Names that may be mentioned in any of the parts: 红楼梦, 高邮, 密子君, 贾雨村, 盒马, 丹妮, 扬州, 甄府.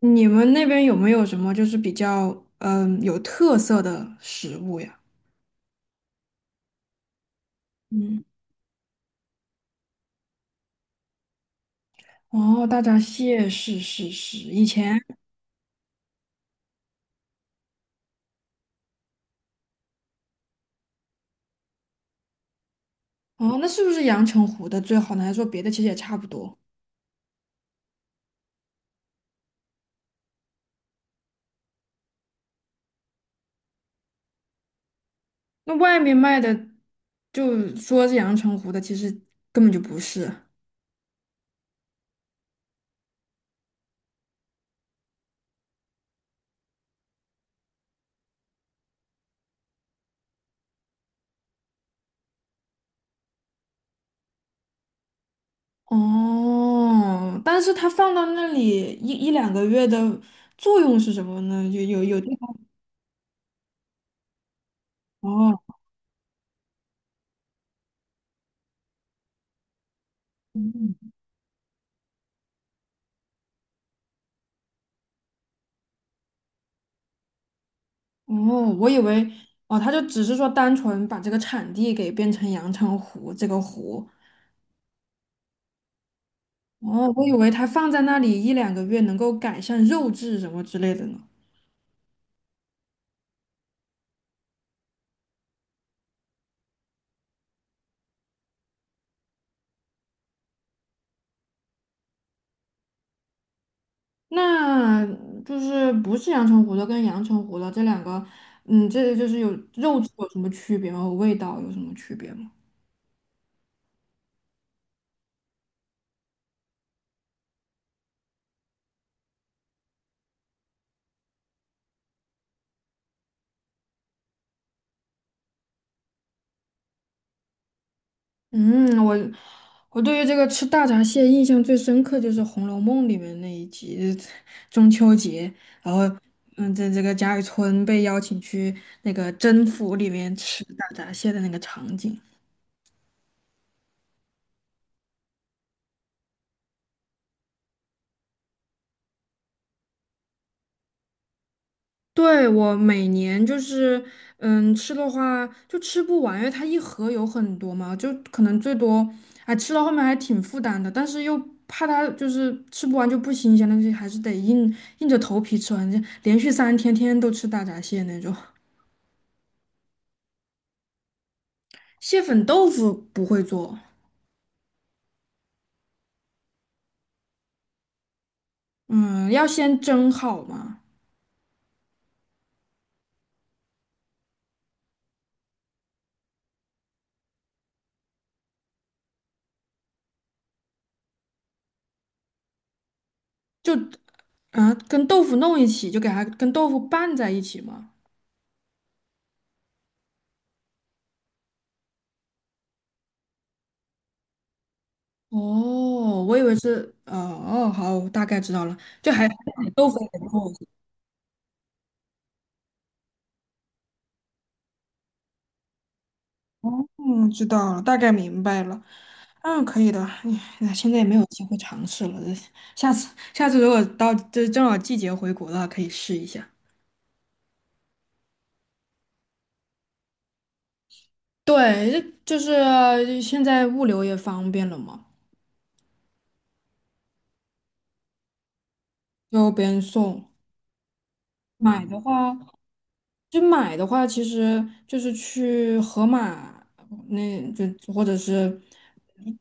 你们那边有没有什么就是比较有特色的食物呀？嗯，哦，大闸蟹是是是，以前哦，那是不是阳澄湖的最好呢？还是说别的其实也差不多？那外面卖的就说是阳澄湖的，其实根本就不是。哦，但是它放到那里一两个月的作用是什么呢？有地方哦。哦，我以为哦，他就只是说单纯把这个产地给变成阳澄湖这个湖。哦，我以为它放在那里一两个月能够改善肉质什么之类的呢。那就是不是阳澄湖的跟阳澄湖的这两个，嗯，这就是有肉质有什么区别吗？味道有什么区别吗？嗯，我对于这个吃大闸蟹印象最深刻就是《红楼梦》里面那一集，中秋节，然后在这个贾雨村被邀请去那个甄府里面吃大闸蟹的那个场景。对，我每年就是，吃的话就吃不完，因为它一盒有很多嘛，就可能最多，哎，吃到后面还挺负担的，但是又怕它就是吃不完就不新鲜了，就还是得硬着头皮吃完，就连续三天天天都吃大闸蟹那种。蟹粉豆腐不会做，嗯，要先蒸好嘛，就啊跟豆腐弄一起，就给它跟豆腐拌在一起嘛。哦，我以为是，哦哦，好，我大概知道了，就还豆腐做。嗯，知道了，大概明白了。嗯，可以的。哎，现在也没有机会尝试了，下次如果到这正好季节回国的话，可以试一下。对，就是现在物流也方便了嘛，就别人送。买的话，买的话，其实就是去盒马，那就或者是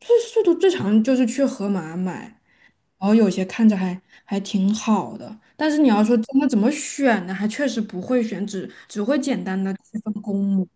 最速度最长就是去盒马买，然后有些看着还挺好的，但是你要说真的怎么选呢，还确实不会选，只会简单的去分公母。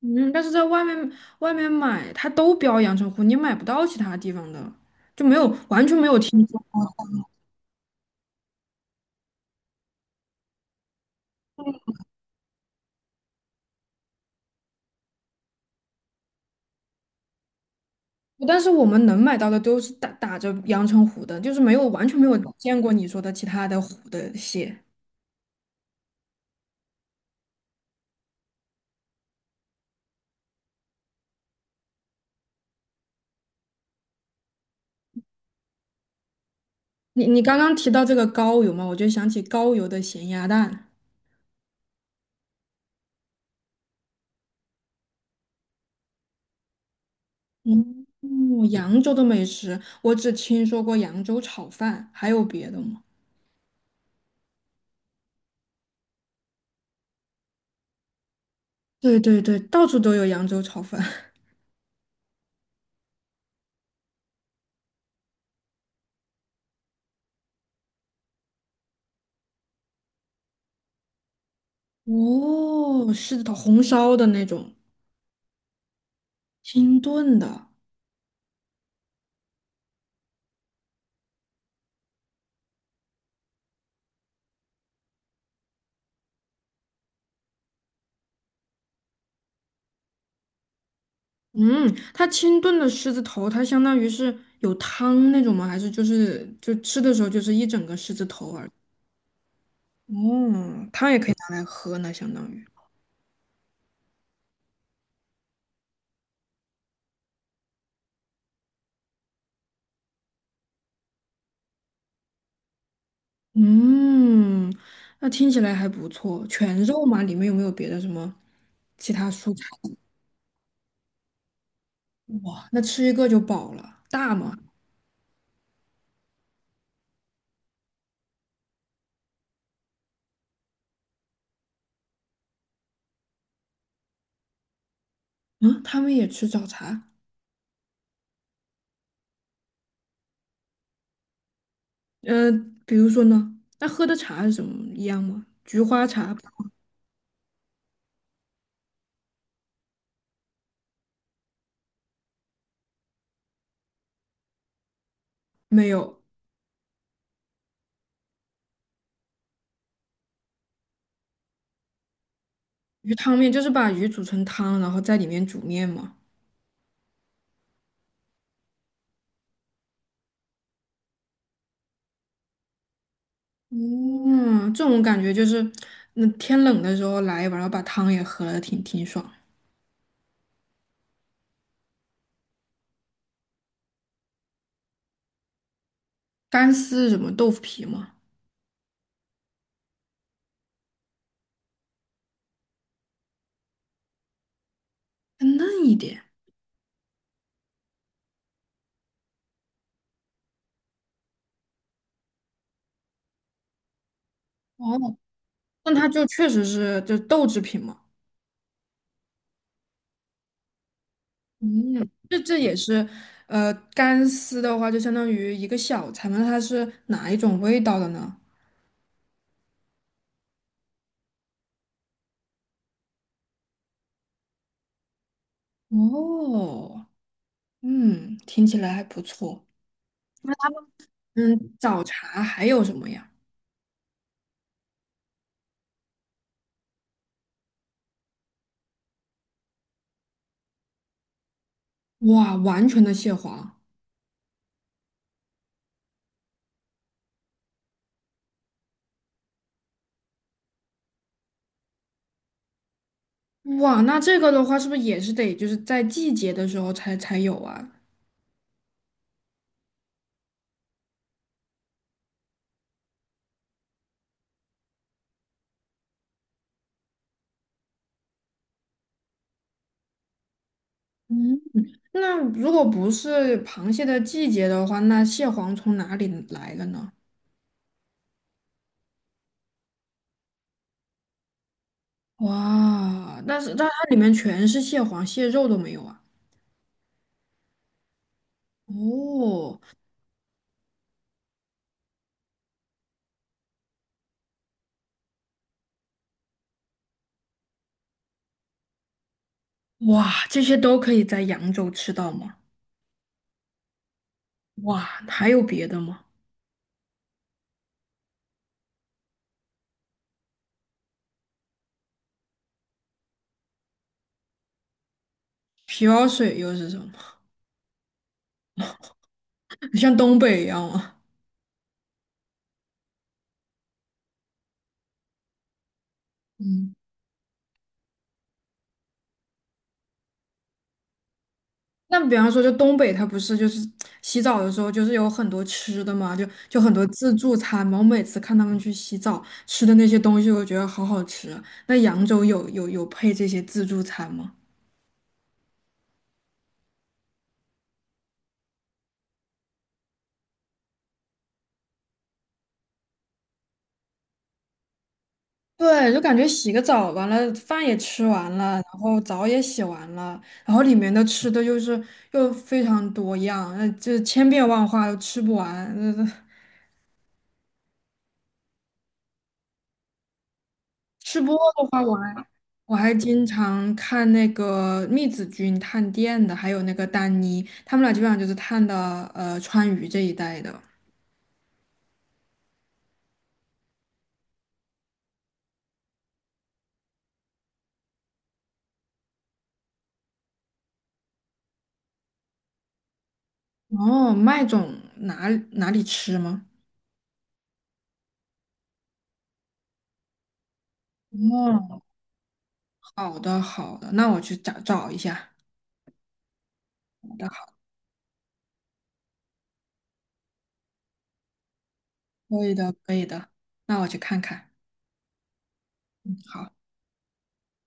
嗯，但是在外面买，它都标阳澄湖，你买不到其他地方的。但是我们能买到的都是打着阳澄湖的，就是没有完全没有见过你说的其他的湖的蟹。你刚刚提到这个高邮嘛，我就想起高邮的咸鸭蛋。嗯，扬州的美食，我只听说过扬州炒饭，还有别的吗？对对对，到处都有扬州炒饭。哦，是的，红烧的那种，清炖的。嗯，它清炖的狮子头，它相当于是有汤那种吗？还是就吃的时候就是一整个狮子头而已哦，汤也可以拿来喝呢，相当于。嗯，那听起来还不错。全肉吗？里面有没有别的什么其他蔬菜？哇，那吃一个就饱了。大吗？嗯，他们也吃早茶。呃，比如说呢，那喝的茶是什么一样吗？菊花茶没有，鱼汤面就是把鱼煮成汤，然后在里面煮面吗？嗯，这种感觉就是，那天冷的时候来一碗，然后把汤也喝了，挺爽。干丝是什么豆腐皮吗？更嫩一点。哦，那它就确实是就是豆制品嘛。嗯，这也是，干丝的话就相当于一个小菜嘛，那它是哪一种味道的呢？哦，嗯，听起来还不错。嗯，早茶还有什么呀？哇，完全的蟹黄。哇，那这个的话，是不是也是得就是在季节的时候才有啊？嗯，那如果不是螃蟹的季节的话，那蟹黄从哪里来的呢？哇，但它里面全是蟹黄，蟹肉都没有啊。哦，哇，这些都可以在扬州吃到吗？哇，还有别的吗？皮包水又是什么？像东北一样吗？嗯。那比方说，就东北，它不是就是洗澡的时候，就是有很多吃的嘛，就很多自助餐嘛。我每次看他们去洗澡吃的那些东西，我觉得好好吃啊。那扬州有配这些自助餐吗？对，就感觉洗个澡，完了饭也吃完了，然后澡也洗完了，然后里面的吃的又非常多样，那就千变万化，又吃不完，吃不过都花完。我还经常看那个密子君探店的，还有那个丹妮，他们俩基本上就是探的川渝这一带的。哦，麦总哪里吃吗？哦，好的好的，那我去找找一下。好的好，可以的可以的，那我去看看。好。